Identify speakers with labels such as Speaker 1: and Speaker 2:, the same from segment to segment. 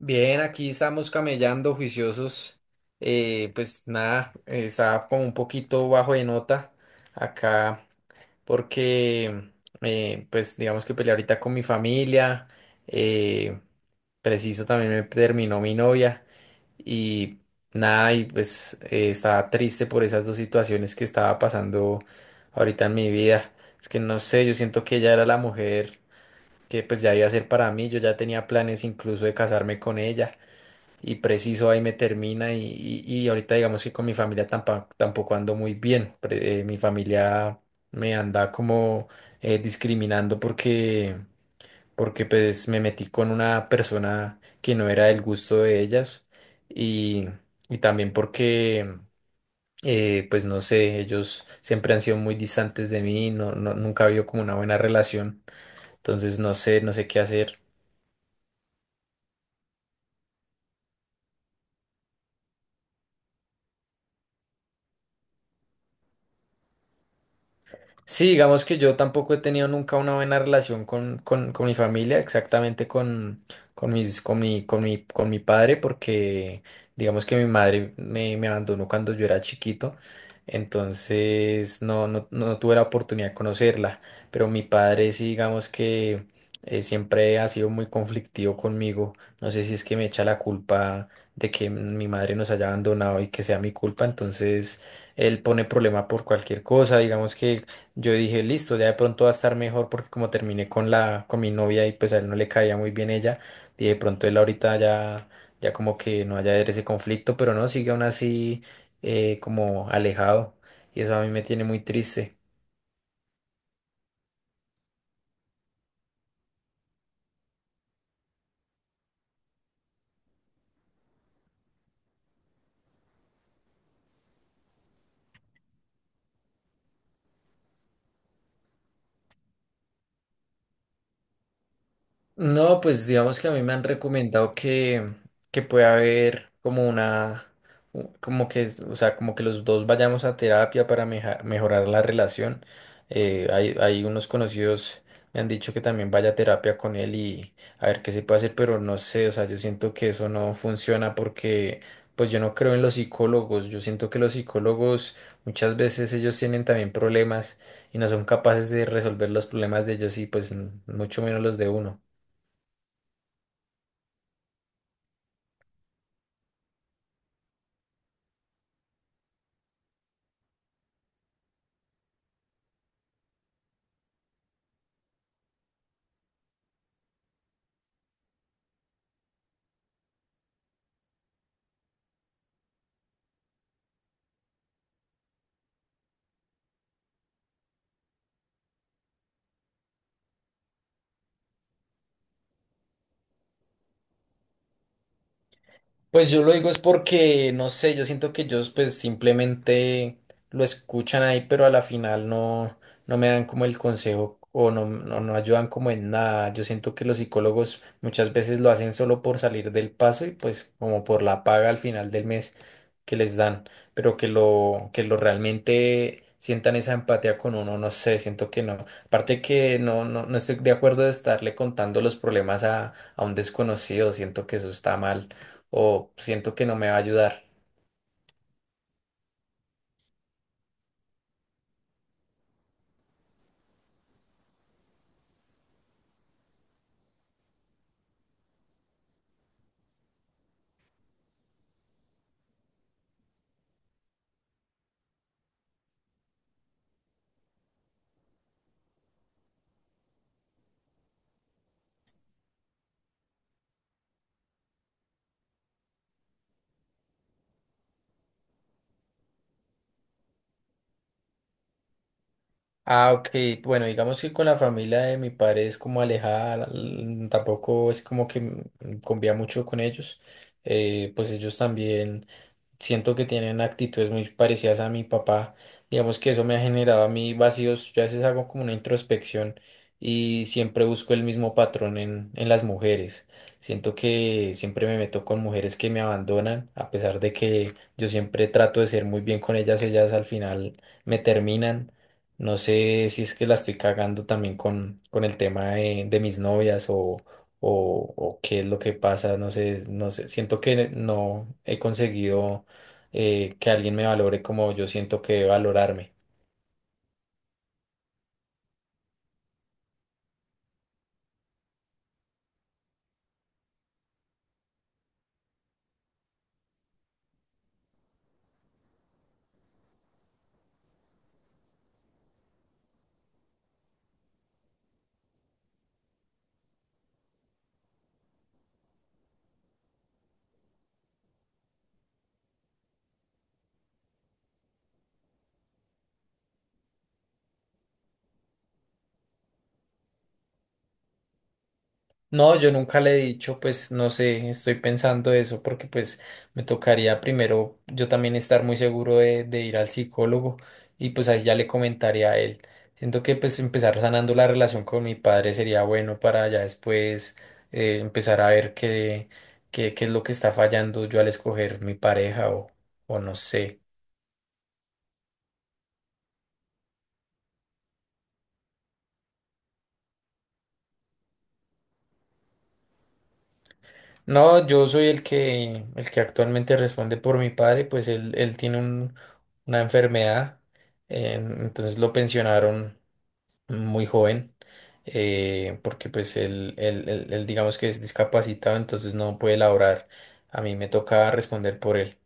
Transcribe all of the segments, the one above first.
Speaker 1: Bien, aquí estamos camellando juiciosos. Pues nada, estaba como un poquito bajo de nota acá porque, pues digamos que peleé ahorita con mi familia. eh, Preciso también me terminó mi novia y nada, y pues estaba triste por esas dos situaciones que estaba pasando ahorita en mi vida. Es que no sé, yo siento que ella era la mujer que pues ya iba a ser para mí. Yo ya tenía planes incluso de casarme con ella y preciso ahí me termina y ahorita digamos que con mi familia tampoco ando muy bien. Mi familia me anda como discriminando porque pues me metí con una persona que no era del gusto de ellas y, y también porque... pues no sé, ellos siempre han sido muy distantes de mí, nunca ha habido como una buena relación, entonces no sé, no sé qué hacer. Sí, digamos que yo tampoco he tenido nunca una buena relación con mi familia, exactamente con mi padre, porque digamos que mi madre me abandonó cuando yo era chiquito, entonces no tuve la oportunidad de conocerla, pero mi padre sí, digamos que siempre ha sido muy conflictivo conmigo, no sé si es que me echa la culpa de que mi madre nos haya abandonado y que sea mi culpa, entonces él pone problema por cualquier cosa, digamos que yo dije, listo, ya de pronto va a estar mejor porque como terminé con con mi novia y pues a él no le caía muy bien ella, y de pronto él ya como que no haya ese conflicto, pero no, sigue aún así como alejado y eso a mí me tiene muy triste. No, pues digamos que a mí me han recomendado que pueda haber como una, como que, o sea, como que los dos vayamos a terapia para mejorar la relación. Hay unos conocidos me han dicho que también vaya a terapia con él y a ver qué se puede hacer, pero no sé, o sea, yo siento que eso no funciona porque pues yo no creo en los psicólogos, yo siento que los psicólogos muchas veces ellos tienen también problemas y no son capaces de resolver los problemas de ellos y pues mucho menos los de uno. Pues yo lo digo es porque, no sé, yo siento que ellos pues simplemente lo escuchan ahí, pero a la final no, no me dan como el consejo o no ayudan como en nada. Yo siento que los psicólogos muchas veces lo hacen solo por salir del paso y pues como por la paga al final del mes que les dan, pero que lo realmente sientan esa empatía con uno, no sé, siento que no. Aparte que no estoy de acuerdo de estarle contando los problemas a un desconocido, siento que eso está mal o siento que no me va a ayudar. Ah, ok. Bueno, digamos que con la familia de mi padre es como alejada, tampoco es como que convía mucho con ellos. Pues ellos también siento que tienen actitudes muy parecidas a mi papá. Digamos que eso me ha generado a mí vacíos. Yo a veces hago como una introspección y siempre busco el mismo patrón en las mujeres. Siento que siempre me meto con mujeres que me abandonan, a pesar de que yo siempre trato de ser muy bien con ellas, ellas al final me terminan. No sé si es que la estoy cagando también con el tema de mis novias o qué es lo que pasa, no sé, no sé, siento que no he conseguido que alguien me valore como yo siento que debe valorarme. No, yo nunca le he dicho, pues no sé, estoy pensando eso porque pues me tocaría primero yo también estar muy seguro de ir al psicólogo y pues ahí ya le comentaría a él. Siento que pues empezar sanando la relación con mi padre sería bueno para ya después empezar a ver qué es lo que está fallando yo al escoger mi pareja o no sé. No, yo soy el que actualmente responde por mi padre, pues él, una enfermedad, entonces lo pensionaron muy joven, porque pues él digamos que es discapacitado, entonces no puede laborar. A mí me toca responder por él.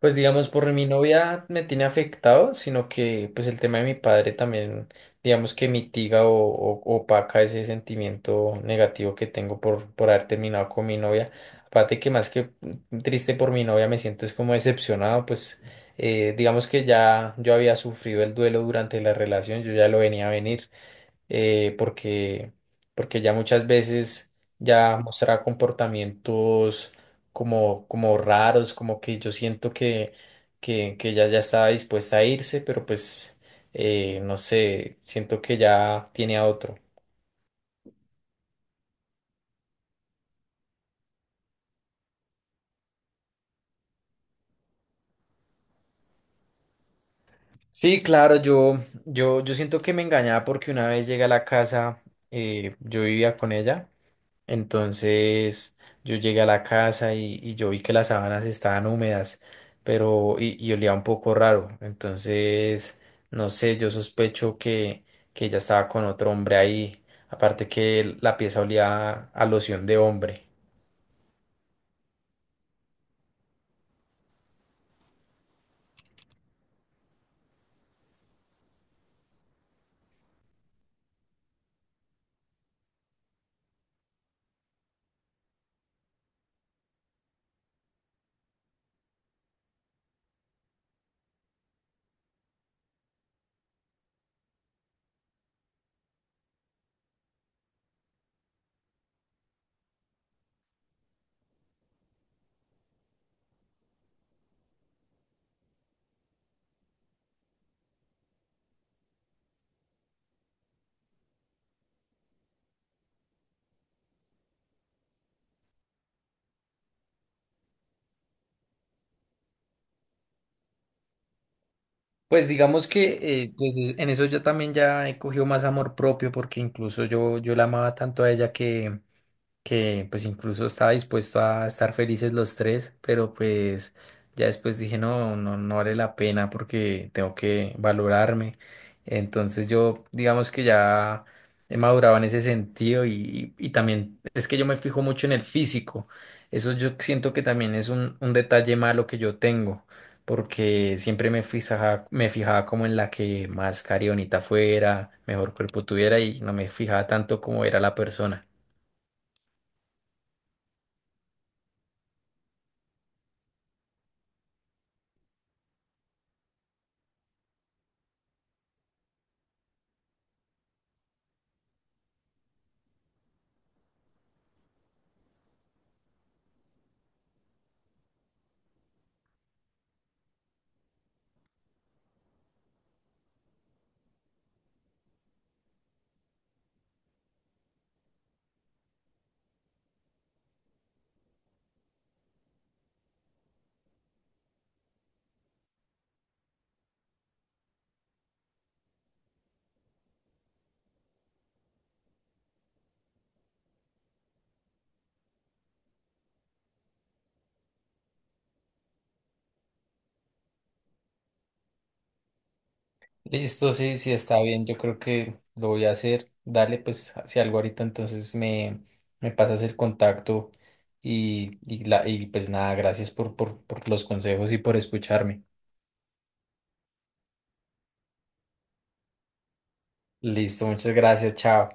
Speaker 1: Pues digamos, por mi novia me tiene afectado, sino que pues el tema de mi padre también, digamos que opaca ese sentimiento negativo que tengo por haber terminado con mi novia. Aparte que más que triste por mi novia me siento es como decepcionado, pues digamos que ya yo había sufrido el duelo durante la relación, yo ya lo venía a venir eh, porque, porque ya muchas veces ya mostraba comportamientos como raros, como que yo siento que ella ya estaba dispuesta a irse, pero pues no sé, siento que ya tiene a otro. Sí, claro, yo siento que me engañaba porque una vez llegué a la casa, yo vivía con ella. Entonces yo llegué a la casa y yo vi que las sábanas estaban húmedas, pero y olía un poco raro. Entonces, no sé, yo sospecho que ella estaba con otro hombre ahí. Aparte que la pieza olía a loción de hombre. Pues digamos que en eso yo también ya he cogido más amor propio porque incluso yo la amaba tanto a ella que pues incluso estaba dispuesto a estar felices los tres, pero pues ya después dije, no vale la pena porque tengo que valorarme. Entonces yo digamos que ya he madurado en ese sentido y también es que yo me fijo mucho en el físico. Eso yo siento que también es un detalle malo que yo tengo. Porque siempre me fijaba como en la que más carionita fuera, mejor cuerpo tuviera y no me fijaba tanto como era la persona. Listo, sí, sí, está bien. Yo creo que lo voy a hacer. Dale, pues, si algo ahorita, me pasas el contacto y pues nada, gracias por los consejos y por escucharme. Listo, muchas gracias, chao.